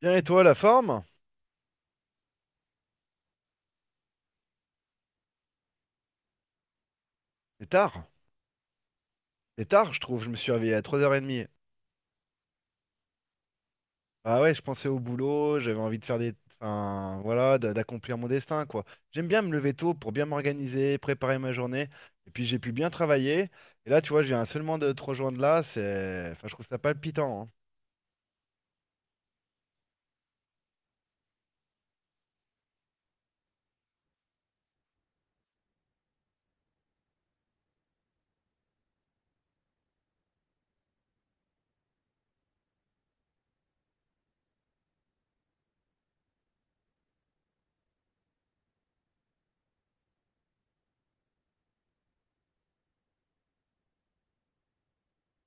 Bien, et toi, la forme? C'est tard. C'est tard, je trouve. Je me suis réveillé à 3h30. Ah ouais, je pensais au boulot, j'avais envie de faire des... Enfin, voilà, d'accomplir mon destin, quoi. J'aime bien me lever tôt pour bien m'organiser, préparer ma journée. Et puis, j'ai pu bien travailler. Et là, tu vois, je viens seulement de te rejoindre là. C'est... Enfin, je trouve ça palpitant, hein.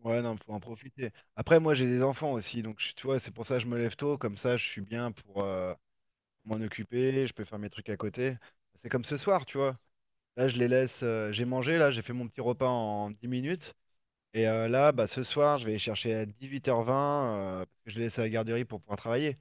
Ouais, non, faut en profiter. Après, moi, j'ai des enfants aussi. Donc, tu vois, c'est pour ça que je me lève tôt. Comme ça, je suis bien pour m'en occuper. Je peux faire mes trucs à côté. C'est comme ce soir, tu vois. Là, je les laisse. J'ai mangé, là, j'ai fait mon petit repas en 10 minutes. Et là, bah, ce soir, je vais les chercher à 18h20, parce que je les laisse à la garderie pour pouvoir travailler.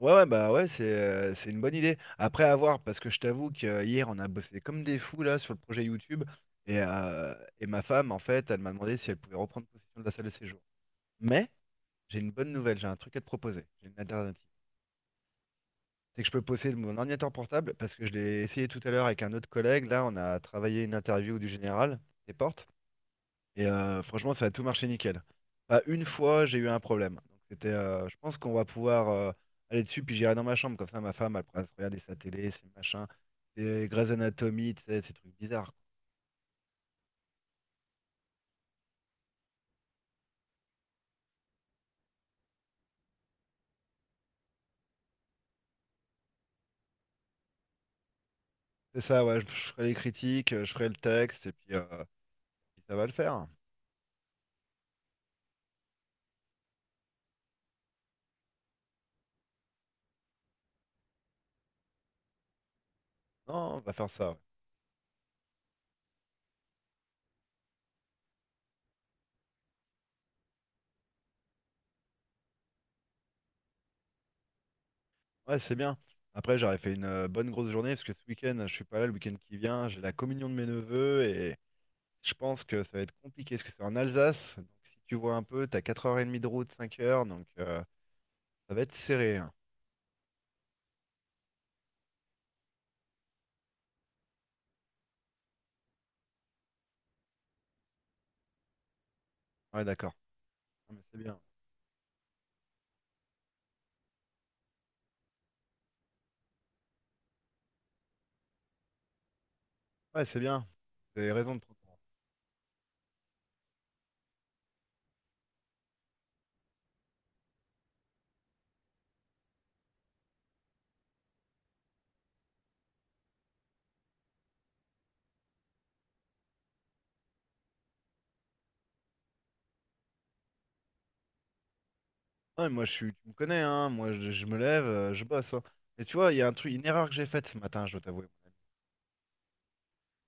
Ouais, ouais, bah ouais, c'est une bonne idée. Après, à voir, parce que je t'avoue que hier, on a bossé comme des fous, là, sur le projet YouTube. Et, euh, et ma femme, en fait, elle m'a demandé si elle pouvait reprendre possession de la salle de séjour. Mais j'ai une bonne nouvelle, j'ai un truc à te proposer. J'ai une alternative. C'est que je peux posséder mon ordinateur portable, parce que je l'ai essayé tout à l'heure avec un autre collègue. Là, on a travaillé une interview du général des portes. Et franchement, ça a tout marché nickel. Pas une fois, j'ai eu un problème. Donc, c'était, je pense qu'on va pouvoir aller dessus, puis j'irai dans ma chambre. Comme ça, ma femme, elle pourra se regarder sa télé, ses machins, ses Grey's Anatomy, tu sais, ces trucs bizarres. C'est ça, ouais, je ferai les critiques, je ferai le texte, et puis, puis ça va le faire. Non, on va faire ça. Ouais, ouais, c'est bien. Après, j'aurais fait une bonne grosse journée, parce que ce week-end, je suis pas là, le week-end qui vient, j'ai la communion de mes neveux. Je pense que ça va être compliqué parce que c'est en Alsace. Donc si tu vois un peu, t'as 4h30 de route, 5 heures. Donc ça va être serré, hein. Ouais, d'accord. Ah, mais c'est bien. Ouais, c'est bien. Vous avez raison de prendre. Ouais, moi je suis. Tu me connais, hein. Moi je me lève, je bosse, hein. Mais tu vois, il y a un truc, une erreur que j'ai faite ce matin, je dois t'avouer, mon ami.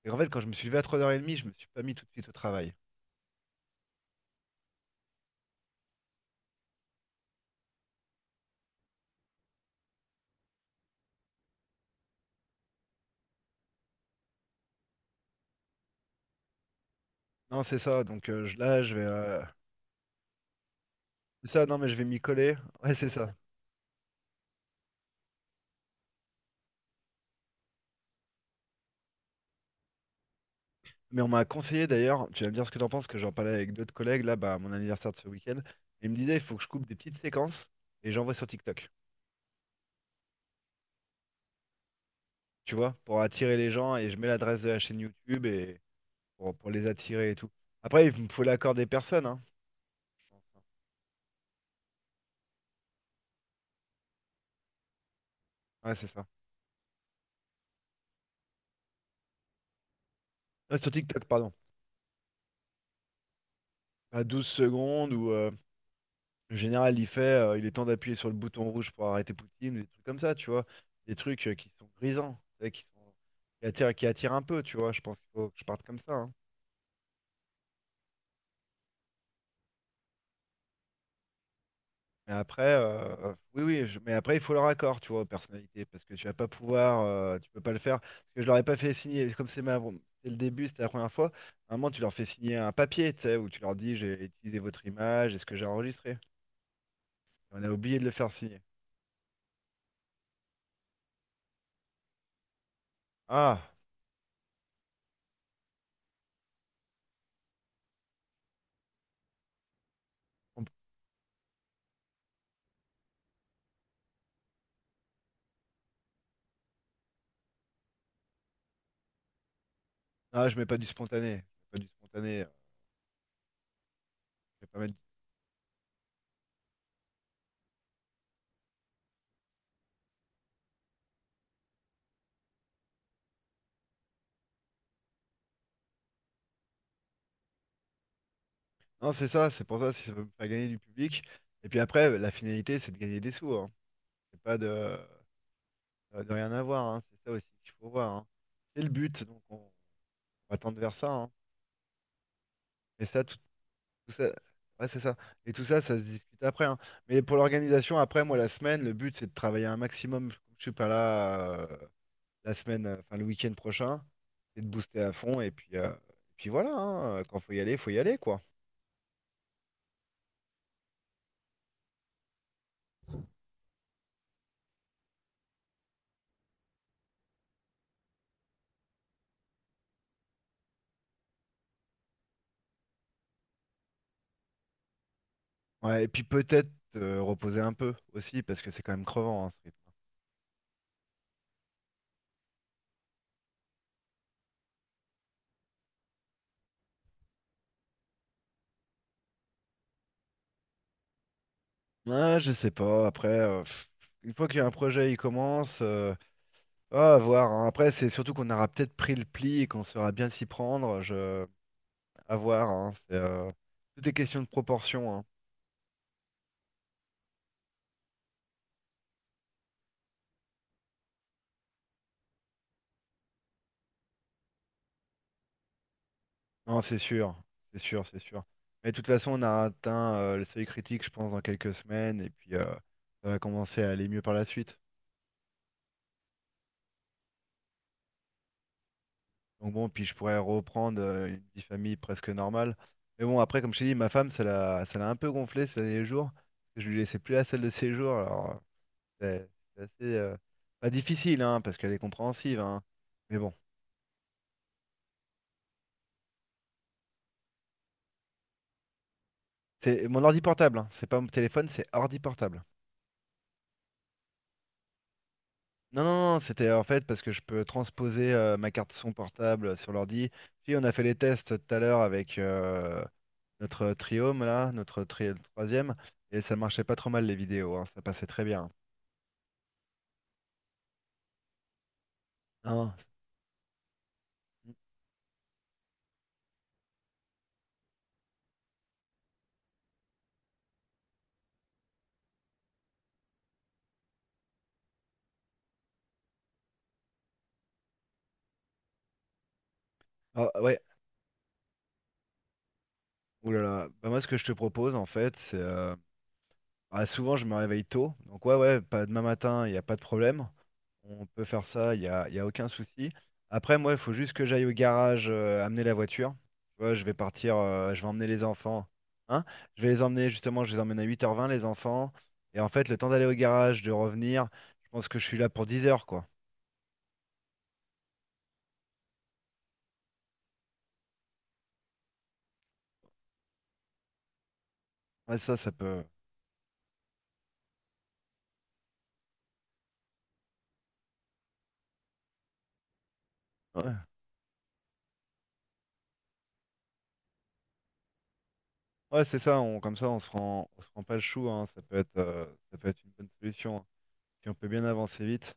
Et en fait, quand je me suis levé à 3h30, je me suis pas mis tout de suite au travail. Non, c'est ça. Donc là, je vais. C'est ça, non, mais je vais m'y coller. Ouais, c'est ça. Mais on m'a conseillé d'ailleurs, tu vas me dire ce que t'en penses, que j'en parlais avec d'autres collègues là, bah, à mon anniversaire de ce week-end. Ils me disaient, il faut que je coupe des petites séquences et j'envoie sur TikTok, tu vois, pour attirer les gens et je mets l'adresse de la chaîne YouTube et pour les attirer et tout. Après, il me faut l'accord des personnes, hein. Ouais, c'est ça. Ah, sur TikTok, pardon. À 12 secondes où le général il fait, il est temps d'appuyer sur le bouton rouge pour arrêter Poutine, ou des trucs comme ça, tu vois. Des trucs qui sont grisants, tu sais, qui sont, qui attirent un peu, tu vois. Je pense qu'il faut que je parte comme ça, hein. Mais après, oui, oui, mais après, il faut leur accord, tu vois, aux personnalités, parce que tu vas pas pouvoir, tu peux pas le faire, parce que je leur ai pas fait signer, comme c'est ma, bon, c'est le début, c'était la première fois, à un moment, tu leur fais signer un papier, tu sais, où tu leur dis, j'ai utilisé votre image, est-ce que j'ai enregistré? Et on a oublié de le faire signer. Ah, on- je mets pas du spontané, pas du spontané, euh, je vais pas mettre... Non, c'est ça, c'est pour ça, si ça veut me faire gagner du public, et puis après, la finalité, c'est de gagner des sous, hein. C'est pas de, de rien avoir, hein. C'est ça aussi qu'il faut voir, hein. C'est le but, donc on... On va tendre vers ça, hein. Et ça, tout, tout ça, ouais, c'est ça. Et tout ça, ça se discute après, hein. Mais pour l'organisation, après, moi, la semaine, le but, c'est de travailler un maximum. Comme je suis pas là la semaine, enfin le week-end prochain, c'est de booster à fond. Et puis, puis voilà, hein. Quand faut y aller, quoi. Ouais, et puis peut-être reposer un peu aussi, parce que c'est quand même crevant, hein, ce rythme. Ouais, je sais pas. Après, une fois qu'il y a un projet, il commence. Ah, à voir, hein. Après, c'est surtout qu'on aura peut-être pris le pli et qu'on saura bien s'y prendre. Je... À voir, hein, c'est, tout est question de proportion, hein. Non, c'est sûr, c'est sûr, c'est sûr. Mais de toute façon, on a atteint le seuil critique, je pense, dans quelques semaines, et puis ça va commencer à aller mieux par la suite. Donc bon, puis je pourrais reprendre une vie de famille presque normale. Mais bon, après, comme je t'ai dit, ma femme, ça l'a un peu gonflé ces derniers jours, parce que je lui laissais plus la salle de séjour, alors c'est c'est assez, pas difficile, hein, parce qu'elle est compréhensive, hein. Mais bon, c'est mon ordi portable, hein, c'est pas mon téléphone, c'est ordi portable. Non, non, non, c'était en fait parce que je peux transposer ma carte son portable sur l'ordi. Puis on a fait les tests tout à l'heure avec notre triome là, troisième, et ça marchait pas trop mal les vidéos, hein, ça passait très bien. Hein. Ah, ouais, oulala. Bah, moi ce que je te propose en fait, c'est ah, souvent, je me réveille tôt. Donc, ouais, ouais, pas demain matin, il n'y a pas de problème. On peut faire ça, y a aucun souci. Après, moi, il faut juste que j'aille au garage amener la voiture. Tu vois, je vais partir, je vais emmener les enfants. Hein? Je vais les emmener, justement, je les emmène à 8h20 les enfants. Et en fait, le temps d'aller au garage, de revenir, je pense que je suis là pour 10 heures quoi. Ouais, ça peut. Ouais, ouais, c'est ça, comme ça, on se prend pas le chou, hein. Ça peut être une bonne solution, hein. Si on peut bien avancer vite.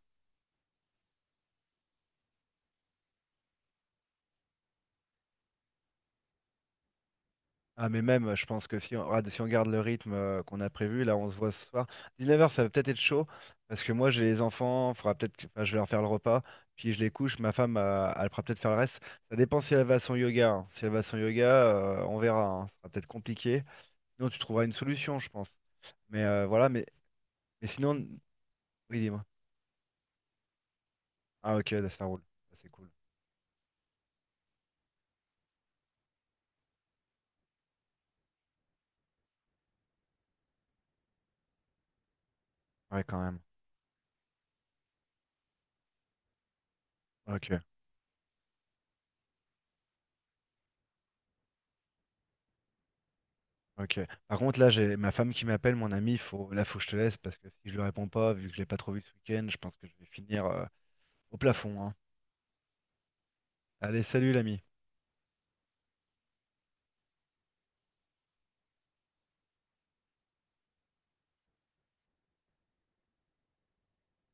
Ah mais même, je pense que si on garde le rythme qu'on a prévu, là on se voit ce soir. 19h ça va peut-être être chaud, parce que moi j'ai les enfants, enfin, je vais leur faire le repas, puis je les couche, ma femme elle fera peut-être faire le reste. Ça dépend si elle va à son yoga, hein. Si elle va à son yoga, on verra, hein. Ça sera peut-être compliqué. Sinon tu trouveras une solution, je pense. Mais voilà, mais sinon, oui dis-moi. Ah ok, ouais, ça roule. Ça, c'est cool. Ouais quand même. Ok. Ok. Par contre, là, j'ai ma femme qui m'appelle, mon ami. Faut... Là, faut que je te laisse parce que si je lui réponds pas, vu que je l'ai pas trop vu ce week-end, je pense que je vais finir au plafond, hein. Allez, salut l'ami.